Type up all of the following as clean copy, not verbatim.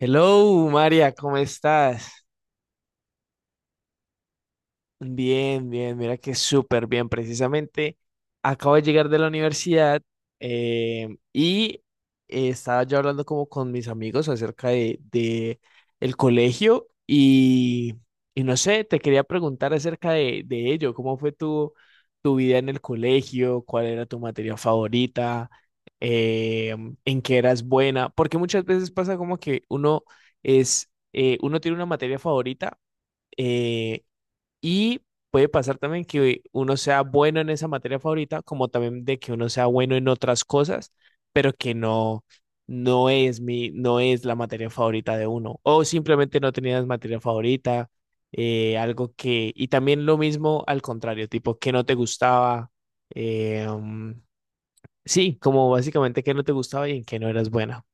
Hello, María, ¿cómo estás? Bien, bien, mira que súper bien. Precisamente acabo de llegar de la universidad, y estaba yo hablando como con mis amigos acerca de el colegio, y no sé, te quería preguntar acerca de ello. ¿Cómo fue tu vida en el colegio? ¿Cuál era tu materia favorita? Eh, ¿En qué eras buena? Porque muchas veces pasa como que uno uno tiene una materia favorita. eh, y puede pasar también que uno sea bueno en esa materia favorita, como también de que uno sea bueno en otras cosas, pero que no, no es no es la materia favorita de uno. O simplemente no tenías materia favorita, algo que, y también lo mismo al contrario, tipo que no te gustaba, eh, um, sí, como básicamente que no te gustaba y en que no eras buena.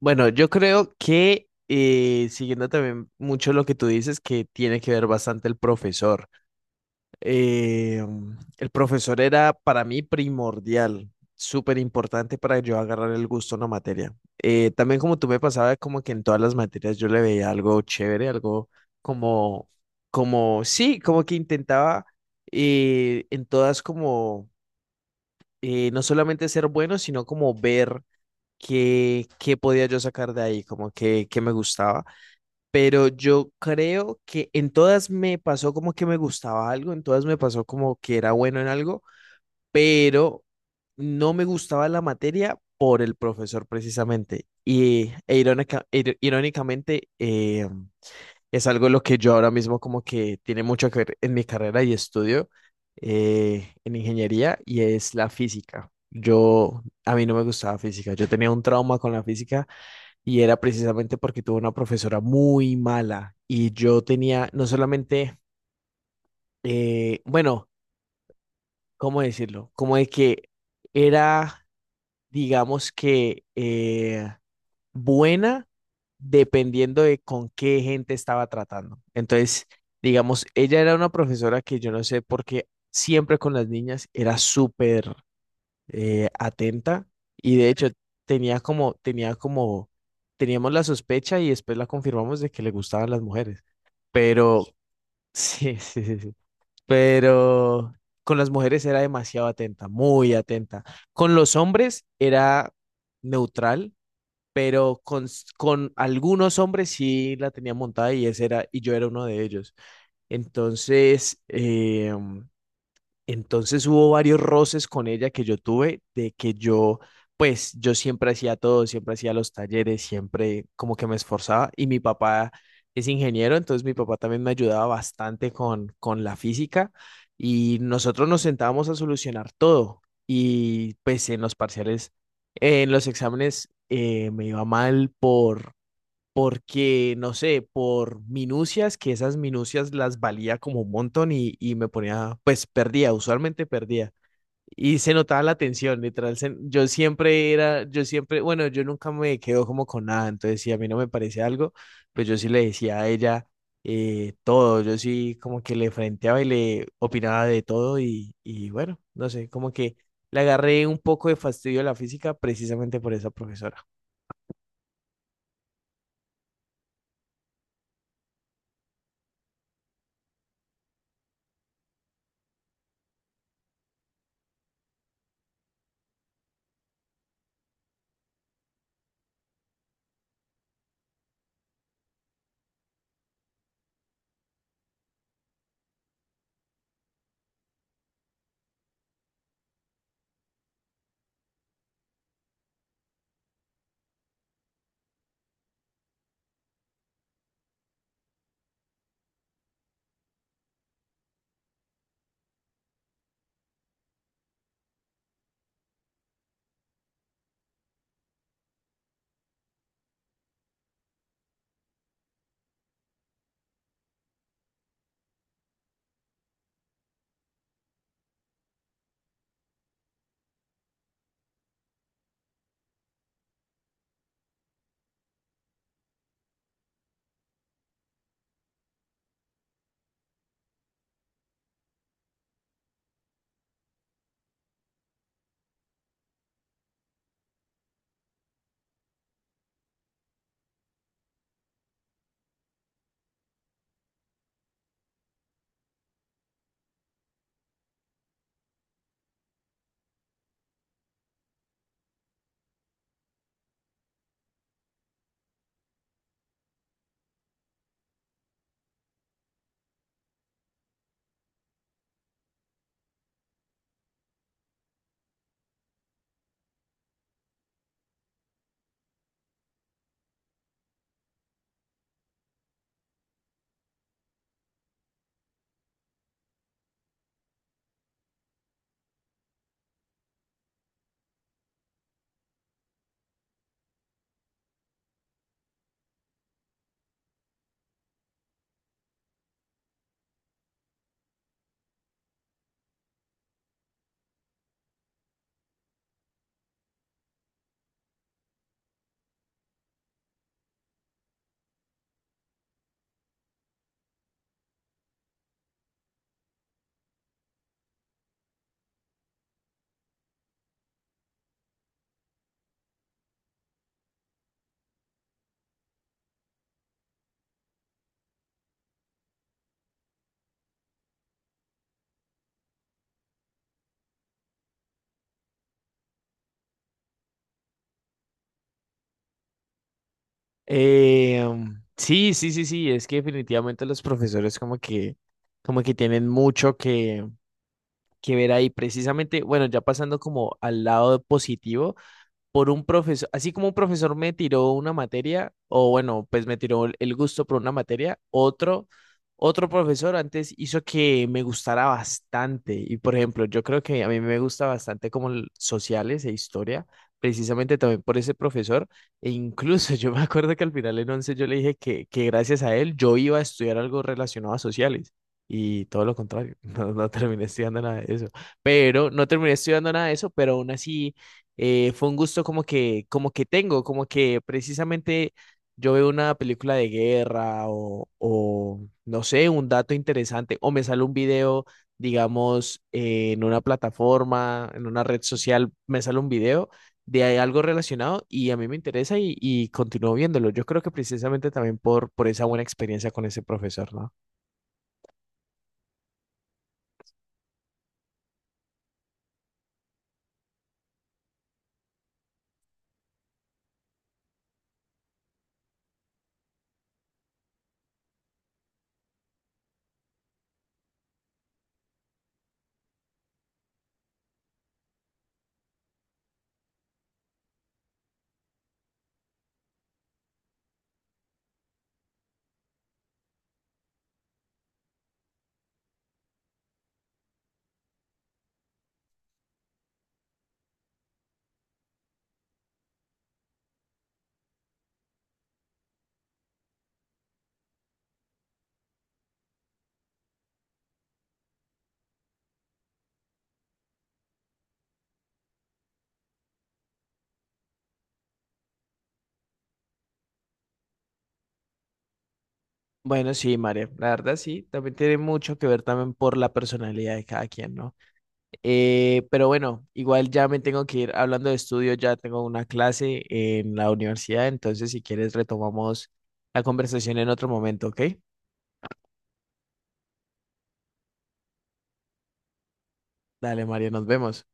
Bueno, yo creo que siguiendo también mucho lo que tú dices, que tiene que ver bastante el profesor. Eh, el profesor era para mí primordial, súper importante para yo agarrar el gusto a una materia. También como tú me pasaba, como que en todas las materias yo le veía algo chévere, como, sí, como que intentaba en todas no solamente ser bueno, sino como ver qué podía yo sacar de ahí, como que, qué me gustaba, pero yo creo que en todas me pasó como que me gustaba algo, en todas me pasó como que era bueno en algo, pero no me gustaba la materia por el profesor precisamente. Y irónicamente, es algo lo que yo ahora mismo como que tiene mucho que ver en mi carrera y estudio en ingeniería y es la física. Yo, a mí no me gustaba física, yo tenía un trauma con la física y era precisamente porque tuve una profesora muy mala y yo tenía no solamente, bueno, ¿cómo decirlo? Como de que era, digamos que buena dependiendo de con qué gente estaba tratando. Entonces, digamos, ella era una profesora que yo no sé por qué siempre con las niñas era súper atenta, y de hecho tenía como, tenía como, teníamos la sospecha y después la confirmamos de que le gustaban las mujeres. Pero sí, sí, sí, sí, pero con las mujeres era demasiado atenta, muy atenta. Con los hombres era neutral, pero con algunos hombres sí la tenía montada y ese era, y yo era uno de ellos. Entonces, entonces hubo varios roces con ella que yo tuve de que yo, pues yo siempre hacía todo, siempre hacía los talleres, siempre como que me esforzaba y mi papá es ingeniero, entonces mi papá también me ayudaba bastante con la física y nosotros nos sentábamos a solucionar todo, y pues en los parciales, en los exámenes me iba mal porque, no sé, por minucias, que esas minucias las valía como un montón, y me ponía, pues perdía, usualmente perdía. Y se notaba la tensión, literal. Yo siempre era, yo siempre, bueno, yo nunca me quedo como con nada. Entonces, si a mí no me parece algo, pues yo sí le decía a ella todo. Yo sí como que le frenteaba y le opinaba de todo. Y bueno, no sé, como que le agarré un poco de fastidio a la física precisamente por esa profesora. Eh, sí, sí, sí, sí, es que definitivamente los profesores como que tienen que ver ahí. Precisamente, bueno, ya pasando como al lado positivo, por un profesor, así como un profesor me tiró una materia, o bueno, pues me tiró el gusto por una materia, otro profesor antes hizo que me gustara bastante. Y por ejemplo, yo creo que a mí me gusta bastante sociales e historia, precisamente también por ese profesor. E incluso yo me acuerdo que al final en 11 yo le dije que gracias a él yo iba a estudiar algo relacionado a sociales. Y todo lo contrario, no, no terminé estudiando nada de eso. Pero no terminé estudiando nada de eso, pero aún así, fue un gusto como que tengo, como que precisamente yo veo una película de guerra, o no sé, un dato interesante o me sale un video, digamos, en una plataforma, en una red social, me sale un video de ahí algo relacionado y a mí me interesa, y continúo viéndolo. Yo creo que precisamente también por esa buena experiencia con ese profesor, ¿no? Bueno, sí, María, la verdad sí, también tiene mucho que ver también por la personalidad de cada quien, ¿no? Pero bueno, igual ya me tengo que ir hablando de estudio, ya tengo una clase en la universidad, entonces si quieres retomamos la conversación en otro momento, ¿ok? Dale, María, nos vemos.